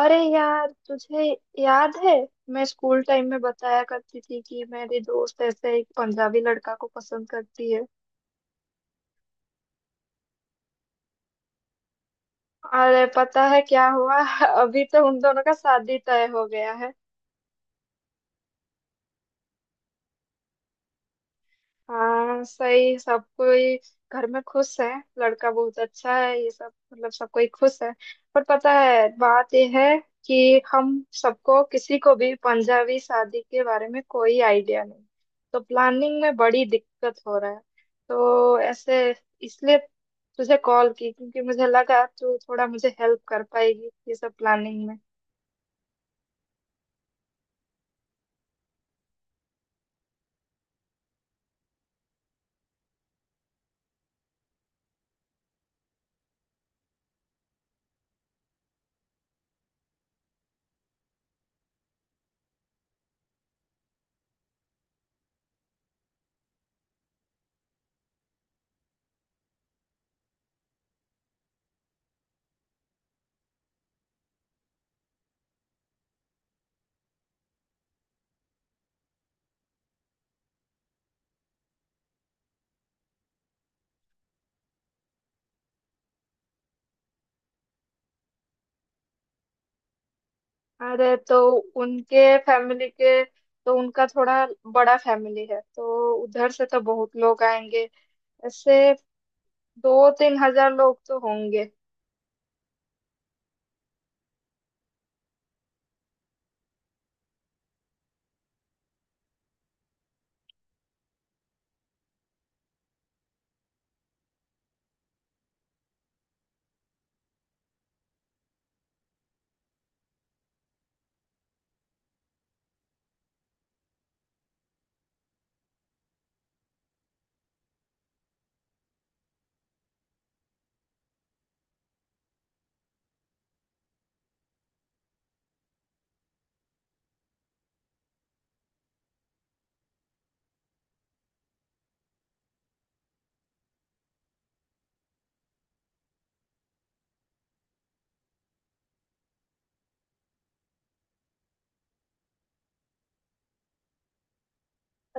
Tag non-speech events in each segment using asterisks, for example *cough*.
अरे यार तुझे याद है मैं स्कूल टाइम में बताया करती थी कि मेरी दोस्त ऐसे एक पंजाबी लड़का को पसंद करती है। अरे पता है क्या हुआ *laughs* अभी तो उन दोनों का शादी तय हो गया। हाँ सही सब कोई घर में खुश है। लड़का बहुत अच्छा है, ये सब मतलब सब कोई खुश है। पर पता है बात यह है कि हम सबको किसी को भी पंजाबी शादी के बारे में कोई आइडिया नहीं। तो प्लानिंग में बड़ी दिक्कत हो रहा है। तो ऐसे इसलिए तुझे कॉल की क्योंकि मुझे लगा तू थोड़ा मुझे हेल्प कर पाएगी ये सब प्लानिंग में। अरे तो उनके फैमिली के, तो उनका थोड़ा बड़ा फैमिली है तो उधर से तो बहुत लोग आएंगे। ऐसे 2-3 हजार लोग तो होंगे।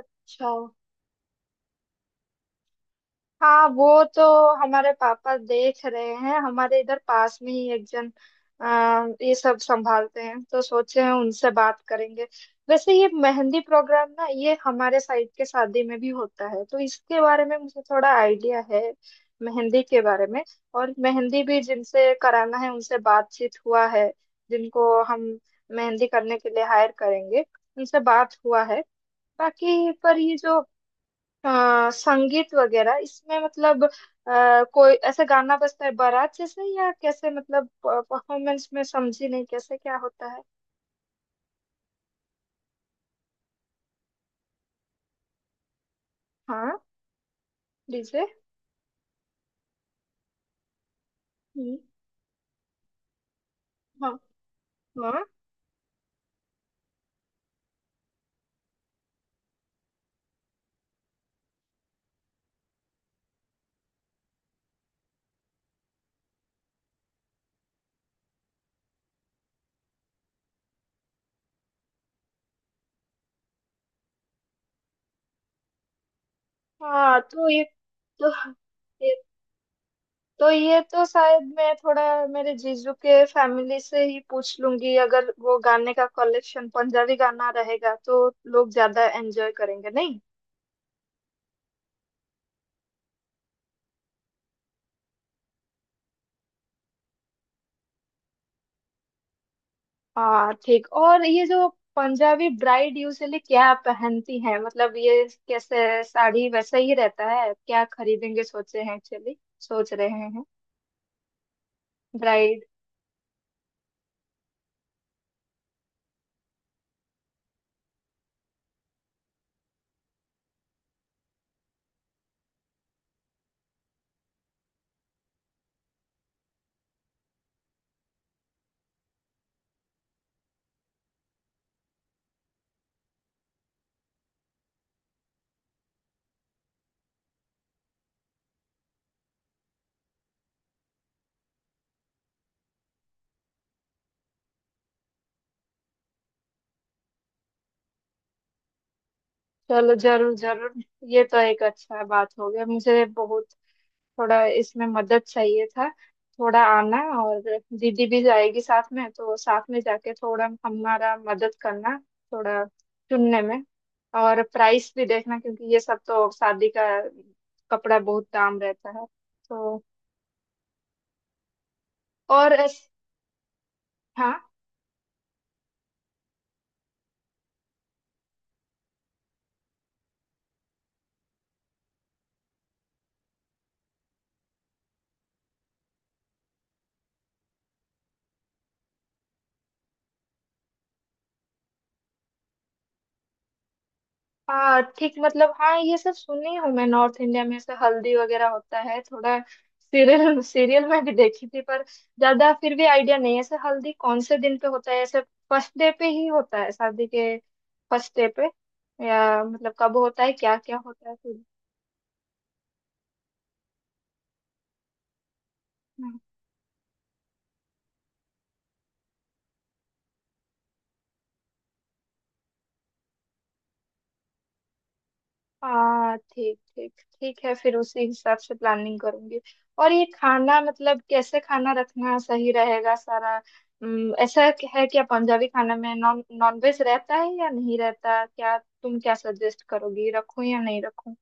अच्छा, हाँ वो तो हमारे पापा देख रहे हैं, हमारे इधर पास में ही एक जन अ, ये सब संभालते हैं तो सोचे हैं उनसे बात करेंगे। वैसे ये मेहंदी प्रोग्राम ना ये हमारे साइड के शादी में भी होता है तो इसके बारे में मुझे थोड़ा आइडिया है, मेहंदी के बारे में। और मेहंदी भी जिनसे कराना है उनसे बातचीत हुआ है, जिनको हम मेहंदी करने के लिए हायर करेंगे उनसे बात हुआ है। बाकी पर ये जो, हाँ संगीत वगैरह इसमें मतलब कोई ऐसा गाना बजता है बारात जैसे, या कैसे मतलब परफॉर्मेंस में समझी नहीं कैसे क्या होता है? हाँ, डीजे। हम्म, हाँ हाँ। हाँ, तो ये ये तो शायद मैं थोड़ा मेरे जीजू के फैमिली से ही पूछ लूंगी, अगर वो गाने का कलेक्शन पंजाबी गाना रहेगा तो लोग ज्यादा एंजॉय करेंगे नहीं? हाँ ठीक। और ये जो पंजाबी ब्राइड यूजली क्या पहनती है, मतलब ये कैसे, साड़ी वैसा ही रहता है क्या, खरीदेंगे सोचे हैं, एक्चुअली सोच रहे हैं ब्राइड। चलो, जरूर जरूर। ये तो एक अच्छा बात हो गया, मुझे बहुत थोड़ा इसमें मदद चाहिए था। थोड़ा आना, और दीदी भी जाएगी साथ में तो साथ में जाके थोड़ा हमारा मदद करना, थोड़ा चुनने में, और प्राइस भी देखना क्योंकि ये सब तो शादी का कपड़ा बहुत दाम रहता है। तो और हाँ। हाँ ठीक, मतलब हाँ ये सब सुनी हूँ मैं, नॉर्थ इंडिया में ऐसे हल्दी वगैरह होता है थोड़ा, सीरियल *laughs* सीरियल में भी देखी थी, पर ज्यादा फिर भी आइडिया नहीं है। ऐसे हल्दी कौन से दिन पे होता है, ऐसे फर्स्ट डे पे ही होता है शादी के, फर्स्ट डे पे, या मतलब कब होता है क्या क्या होता है फिर? हाँ। हाँ ठीक ठीक, ठीक है फिर उसी हिसाब से प्लानिंग करूंगी। और ये खाना मतलब कैसे खाना रखना सही रहेगा सारा, ऐसा है क्या पंजाबी खाना में नॉन नॉन वेज रहता है या नहीं रहता, क्या तुम क्या सजेस्ट करोगी रखूं या नहीं रखूं?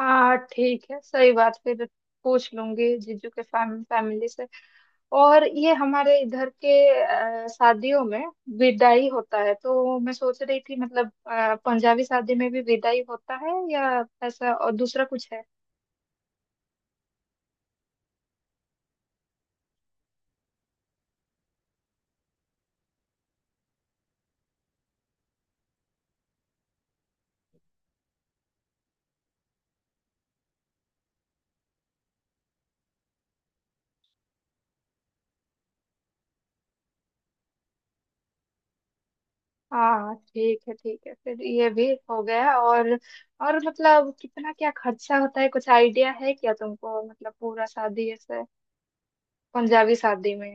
हाँ ठीक है, सही बात फिर पूछ लूंगी जीजू के फैमिली से। और ये हमारे इधर के शादियों में विदाई होता है, तो मैं सोच रही थी मतलब पंजाबी शादी में भी विदाई होता है, या ऐसा और दूसरा कुछ है? हाँ ठीक है ठीक है, फिर ये भी हो गया। और मतलब कितना क्या खर्चा होता है, कुछ आइडिया है क्या तुमको, मतलब पूरा शादी ऐसे, पंजाबी शादी में?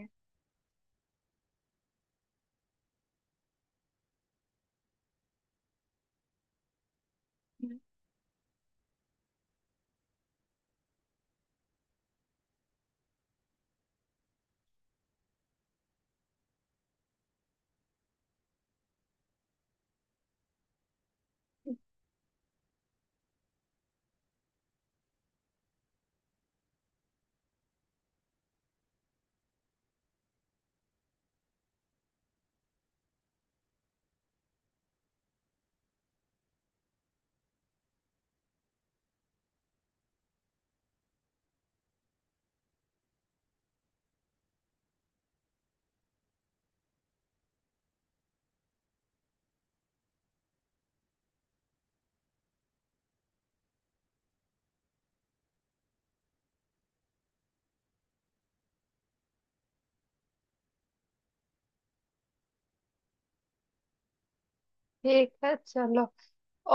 ठीक है चलो।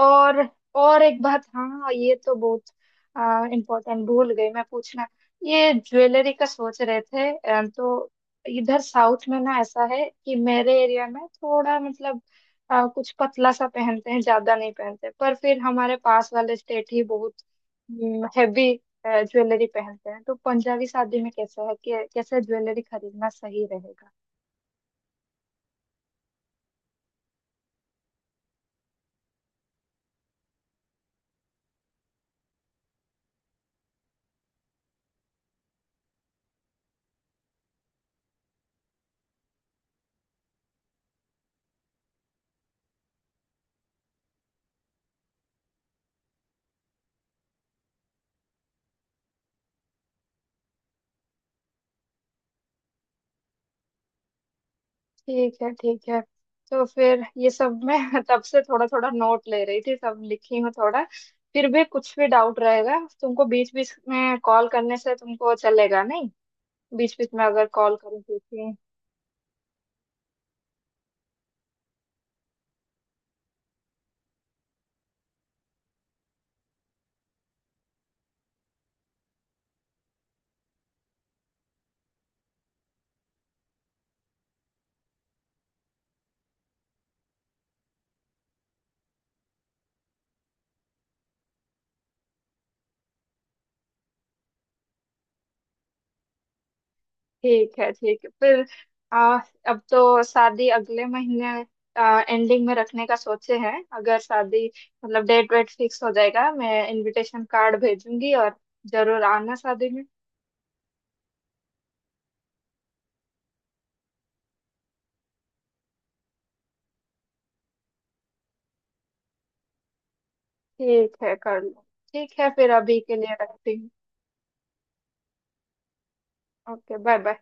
और और एक बात, हाँ ये तो बहुत इम्पोर्टेंट भूल गई मैं पूछना। ये ज्वेलरी का सोच रहे थे, तो इधर साउथ में ना ऐसा है कि मेरे एरिया में थोड़ा मतलब कुछ पतला सा पहनते हैं, ज्यादा नहीं पहनते, पर फिर हमारे पास वाले स्टेट ही बहुत हैवी ज्वेलरी पहनते हैं, तो पंजाबी शादी में कैसा है कि कैसे ज्वेलरी खरीदना सही रहेगा? ठीक है ठीक है। तो फिर ये सब मैं *laughs* तब से थोड़ा थोड़ा नोट ले रही थी, सब लिखी हूँ थोड़ा, फिर भी कुछ भी डाउट रहेगा तुमको, बीच बीच में कॉल करने से तुमको चलेगा नहीं? बीच बीच में अगर कॉल करूँ पूछूँ, ठीक? ठीक है फिर आ, अब तो शादी अगले महीने एंडिंग में रखने का सोचे हैं, अगर शादी मतलब डेट वेट फिक्स हो जाएगा, मैं इनविटेशन कार्ड भेजूंगी, और जरूर आना शादी में। ठीक है कर लो। ठीक है फिर अभी के लिए रखती हूँ। Okay, bye bye.